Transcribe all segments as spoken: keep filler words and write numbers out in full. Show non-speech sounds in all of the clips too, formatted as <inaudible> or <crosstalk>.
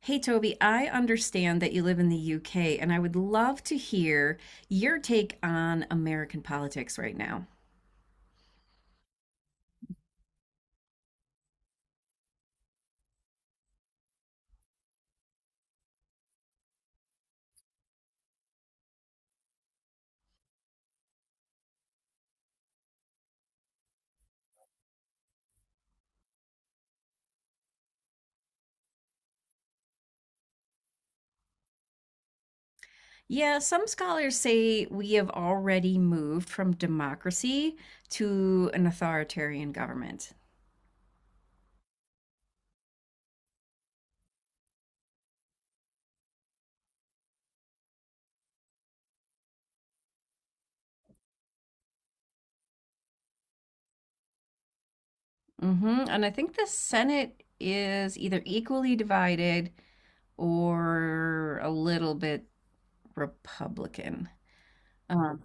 Hey, Toby, I understand that you live in the U K, and I would love to hear your take on American politics right now. Yeah, some scholars say we have already moved from democracy to an authoritarian government. Hmm. And I think the Senate is either equally divided or a little bit Republican. Um,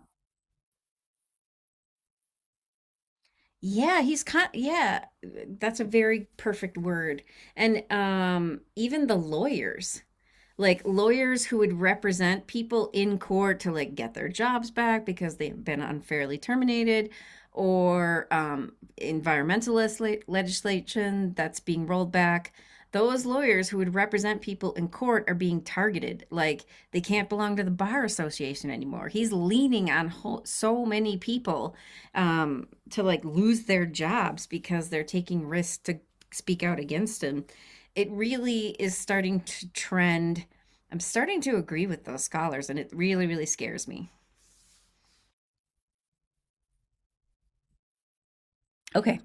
Yeah, he's kind yeah, that's a very perfect word. And um even the lawyers, like lawyers who would represent people in court to like get their jobs back because they've been unfairly terminated, or um, environmentalist le- legislation that's being rolled back, those lawyers who would represent people in court are being targeted. Like, they can't belong to the bar association anymore. He's leaning on ho- so many people um, to like lose their jobs because they're taking risks to speak out against him. It really is starting to trend. I'm starting to agree with those scholars, and it really, really scares me. Okay.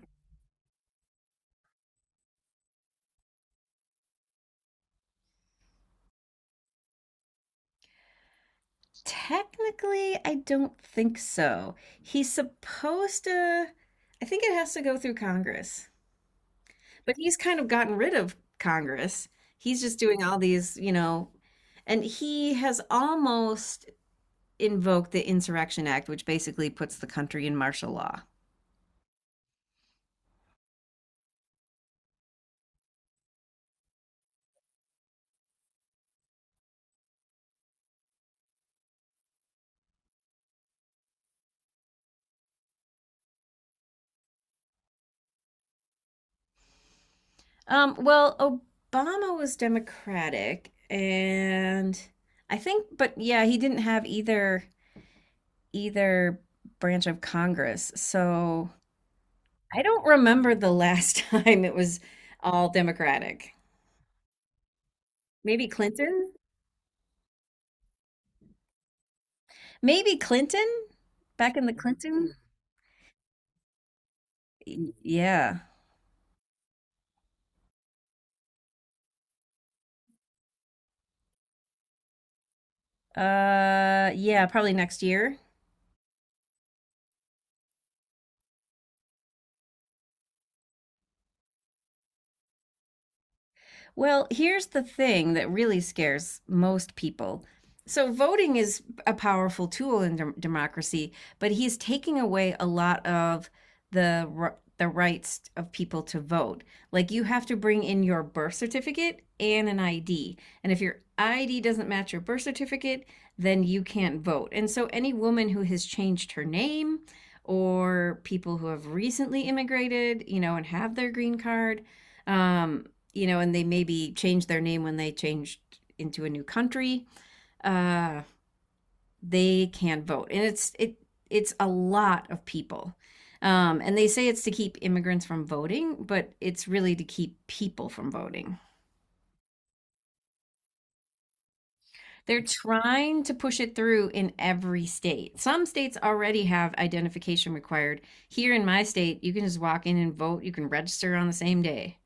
Technically, I don't think so. He's supposed to, I think it has to go through Congress, but he's kind of gotten rid of Congress. He's just doing all these, you know, and he has almost invoke the Insurrection Act, which basically puts the country in martial law. Um, well, Obama was Democratic, and I think, but yeah, he didn't have either either branch of Congress. So I don't remember the last <laughs> time it was all Democratic. Maybe Clinton? Maybe Clinton? Back in the Clinton? Y- Yeah. Uh, yeah, probably next year. Well, here's the thing that really scares most people. So, voting is a powerful tool in dem- democracy, but he's taking away a lot of the r- the rights of people to vote. Like, you have to bring in your birth certificate and an I D. And if your I D doesn't match your birth certificate, then you can't vote. And so any woman who has changed her name, or people who have recently immigrated, you know, and have their green card, um, you know, and they maybe change their name when they changed into a new country. Uh, they can't vote, and it's it it's a lot of people. Um, and they say it's to keep immigrants from voting, but it's really to keep people from voting. They're trying to push it through in every state. Some states already have identification required. Here in my state, you can just walk in and vote. You can register on the same day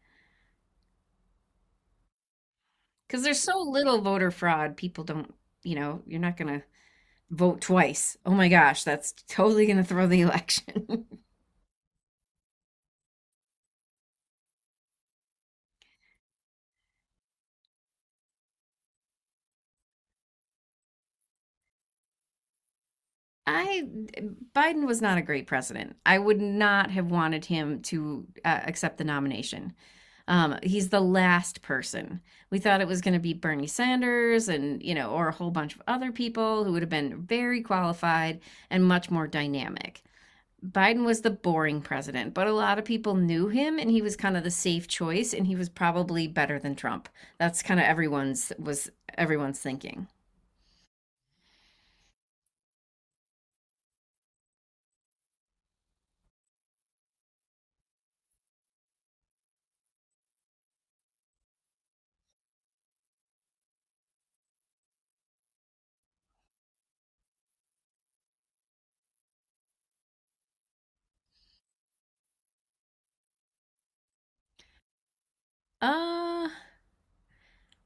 because there's so little voter fraud. People don't, you know, you're not going to vote twice. Oh my gosh, that's totally going to throw the election. <laughs> I, Biden was not a great president. I would not have wanted him to uh, accept the nomination. Um, he's the last person. We thought it was going to be Bernie Sanders, and, you know, or a whole bunch of other people who would have been very qualified and much more dynamic. Biden was the boring president, but a lot of people knew him and he was kind of the safe choice and he was probably better than Trump. That's kind of everyone's was everyone's thinking. Uh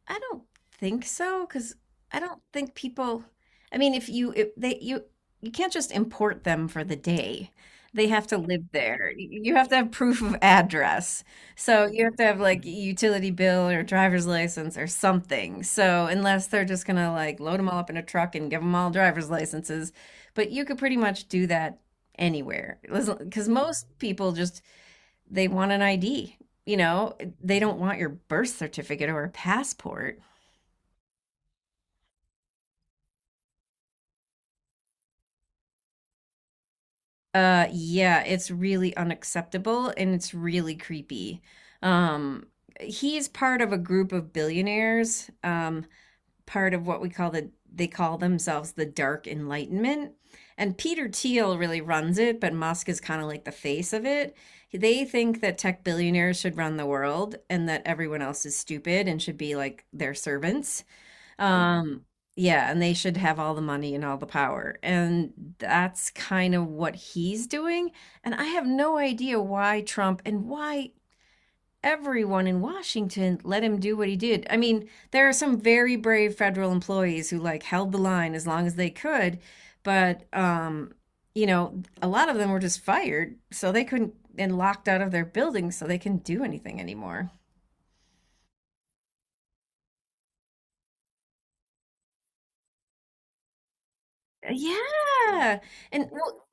I don't think so, because I don't think people. I mean, if you, if they you you can't just import them for the day. They have to live there. Y- You have to have proof of address. So you have to have like a utility bill or driver's license or something. So unless they're just gonna like load them all up in a truck and give them all driver's licenses, but you could pretty much do that anywhere. Because most people just, they want an I D. You know, they don't want your birth certificate or a passport. Uh, yeah, it's really unacceptable and it's really creepy. Um, he's part of a group of billionaires, um, part of what we call the, they call themselves the Dark Enlightenment. And Peter Thiel really runs it, but Musk is kind of like the face of it. They think that tech billionaires should run the world and that everyone else is stupid and should be like their servants. Um, yeah, and they should have all the money and all the power. And that's kind of what he's doing. And I have no idea why Trump, and why everyone in Washington let him do what he did. I mean, there are some very brave federal employees who like held the line as long as they could, but um, you know, a lot of them were just fired, so they couldn't, and locked out of their buildings, so they couldn't do anything anymore. Yeah. And well,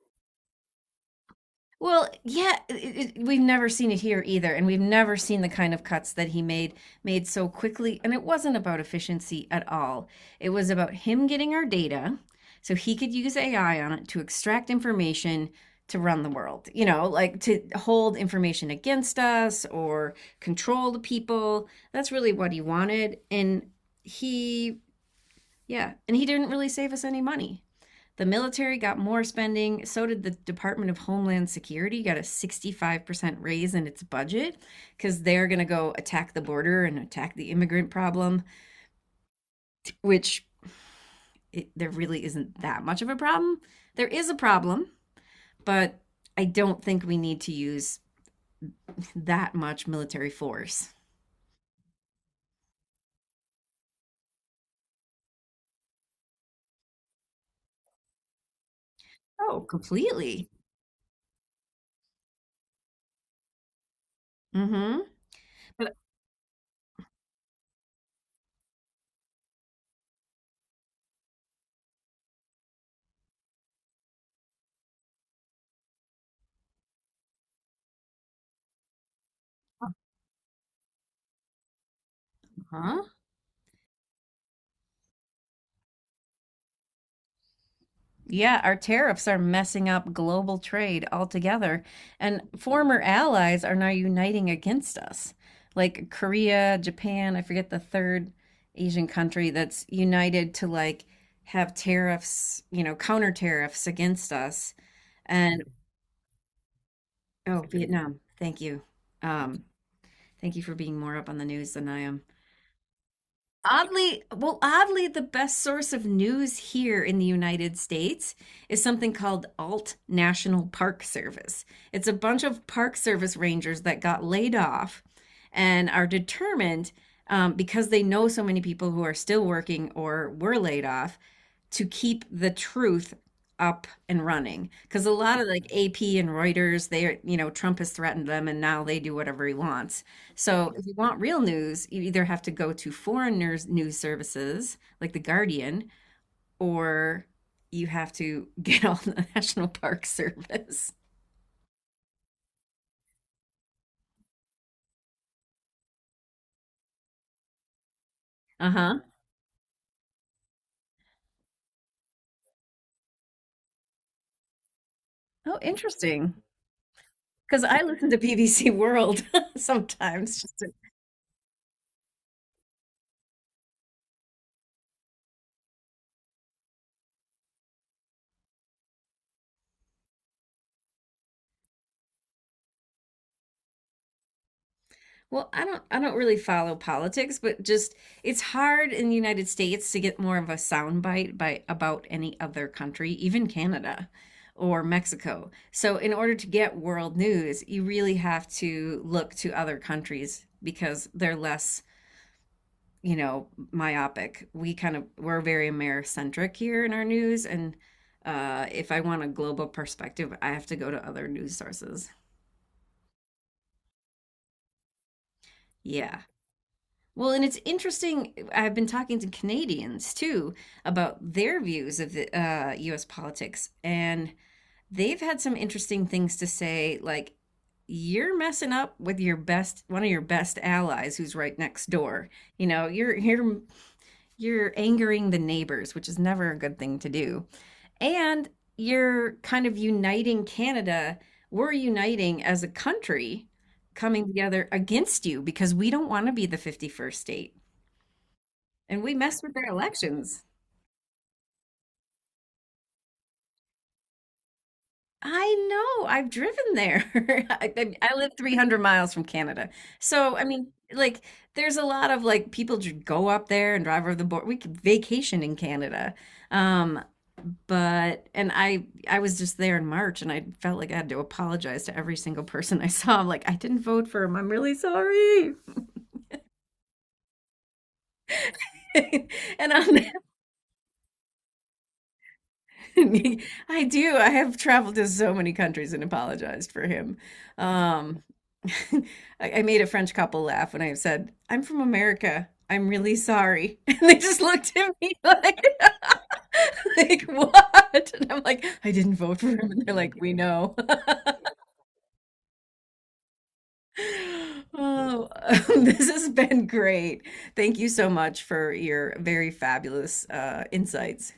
Well, yeah, it, it, we've never seen it here either, and we've never seen the kind of cuts that he made made so quickly. And it wasn't about efficiency at all. It was about him getting our data so he could use A I on it to extract information to run the world. You know, like to hold information against us or control the people. That's really what he wanted, and he, yeah, and he didn't really save us any money. The military got more spending. So did the Department of Homeland Security, got a sixty-five percent raise in its budget because they're going to go attack the border and attack the immigrant problem, which, it, there really isn't that much of a problem. There is a problem, but I don't think we need to use that much military force. Oh, completely. Mm hmm. But, huh? Yeah, our tariffs are messing up global trade altogether, and former allies are now uniting against us. Like Korea, Japan, I forget the third Asian country, that's united to like have tariffs, you know, counter tariffs against us. And oh, Vietnam, thank you. Um, thank you for being more up on the news than I am. Oddly, well, oddly, the best source of news here in the United States is something called Alt National Park Service. It's a bunch of Park Service rangers that got laid off and are determined, um, because they know so many people who are still working or were laid off, to keep the truth up and running. Because a lot of like A P and Reuters, they are, you know, Trump has threatened them and now they do whatever he wants. So if you want real news, you either have to go to foreign news, news services like The Guardian, or you have to <laughs> get on the National Park Service. Uh huh. Oh, interesting. Because I listen to B B C World <laughs> sometimes just, well, I don't I don't really follow politics, but just, it's hard in the United States to get more of a soundbite by about any other country, even Canada or Mexico. So in order to get world news, you really have to look to other countries because they're less, you know, myopic. We kind of we're very Americentric here in our news, and uh, if I want a global perspective, I have to go to other news sources. Yeah. Well, and it's interesting. uh, I've been talking to Canadians too about their views of the uh, U S politics, and they've had some interesting things to say, like, you're messing up with your best, one of your best allies who's right next door. You know, you're you're you're angering the neighbors, which is never a good thing to do. And you're kind of uniting Canada. We're uniting as a country, coming together against you because we don't want to be the fifty-first state. And we mess with their elections. I know. I've driven there. <laughs> I, I I live three hundred miles from Canada. So, I mean, like, there's a lot of like people just go up there and drive over the border. We could vacation in Canada. Um, but, and I, I was just there in March and I felt like I had to apologize to every single person I saw. I'm like, I didn't vote for him. I'm really sorry. <laughs> And on <laughs> I do. I have traveled to so many countries and apologized for him. Um, <laughs> I, I made a French couple laugh when I said, "I'm from America. I'm really sorry," <laughs> and they just looked at me like, <laughs> "Like what?" And I'm like, "I didn't vote for him," and they're like, "We know." <laughs> Oh, <laughs> this has been great. Thank you so much for your very fabulous uh, insights.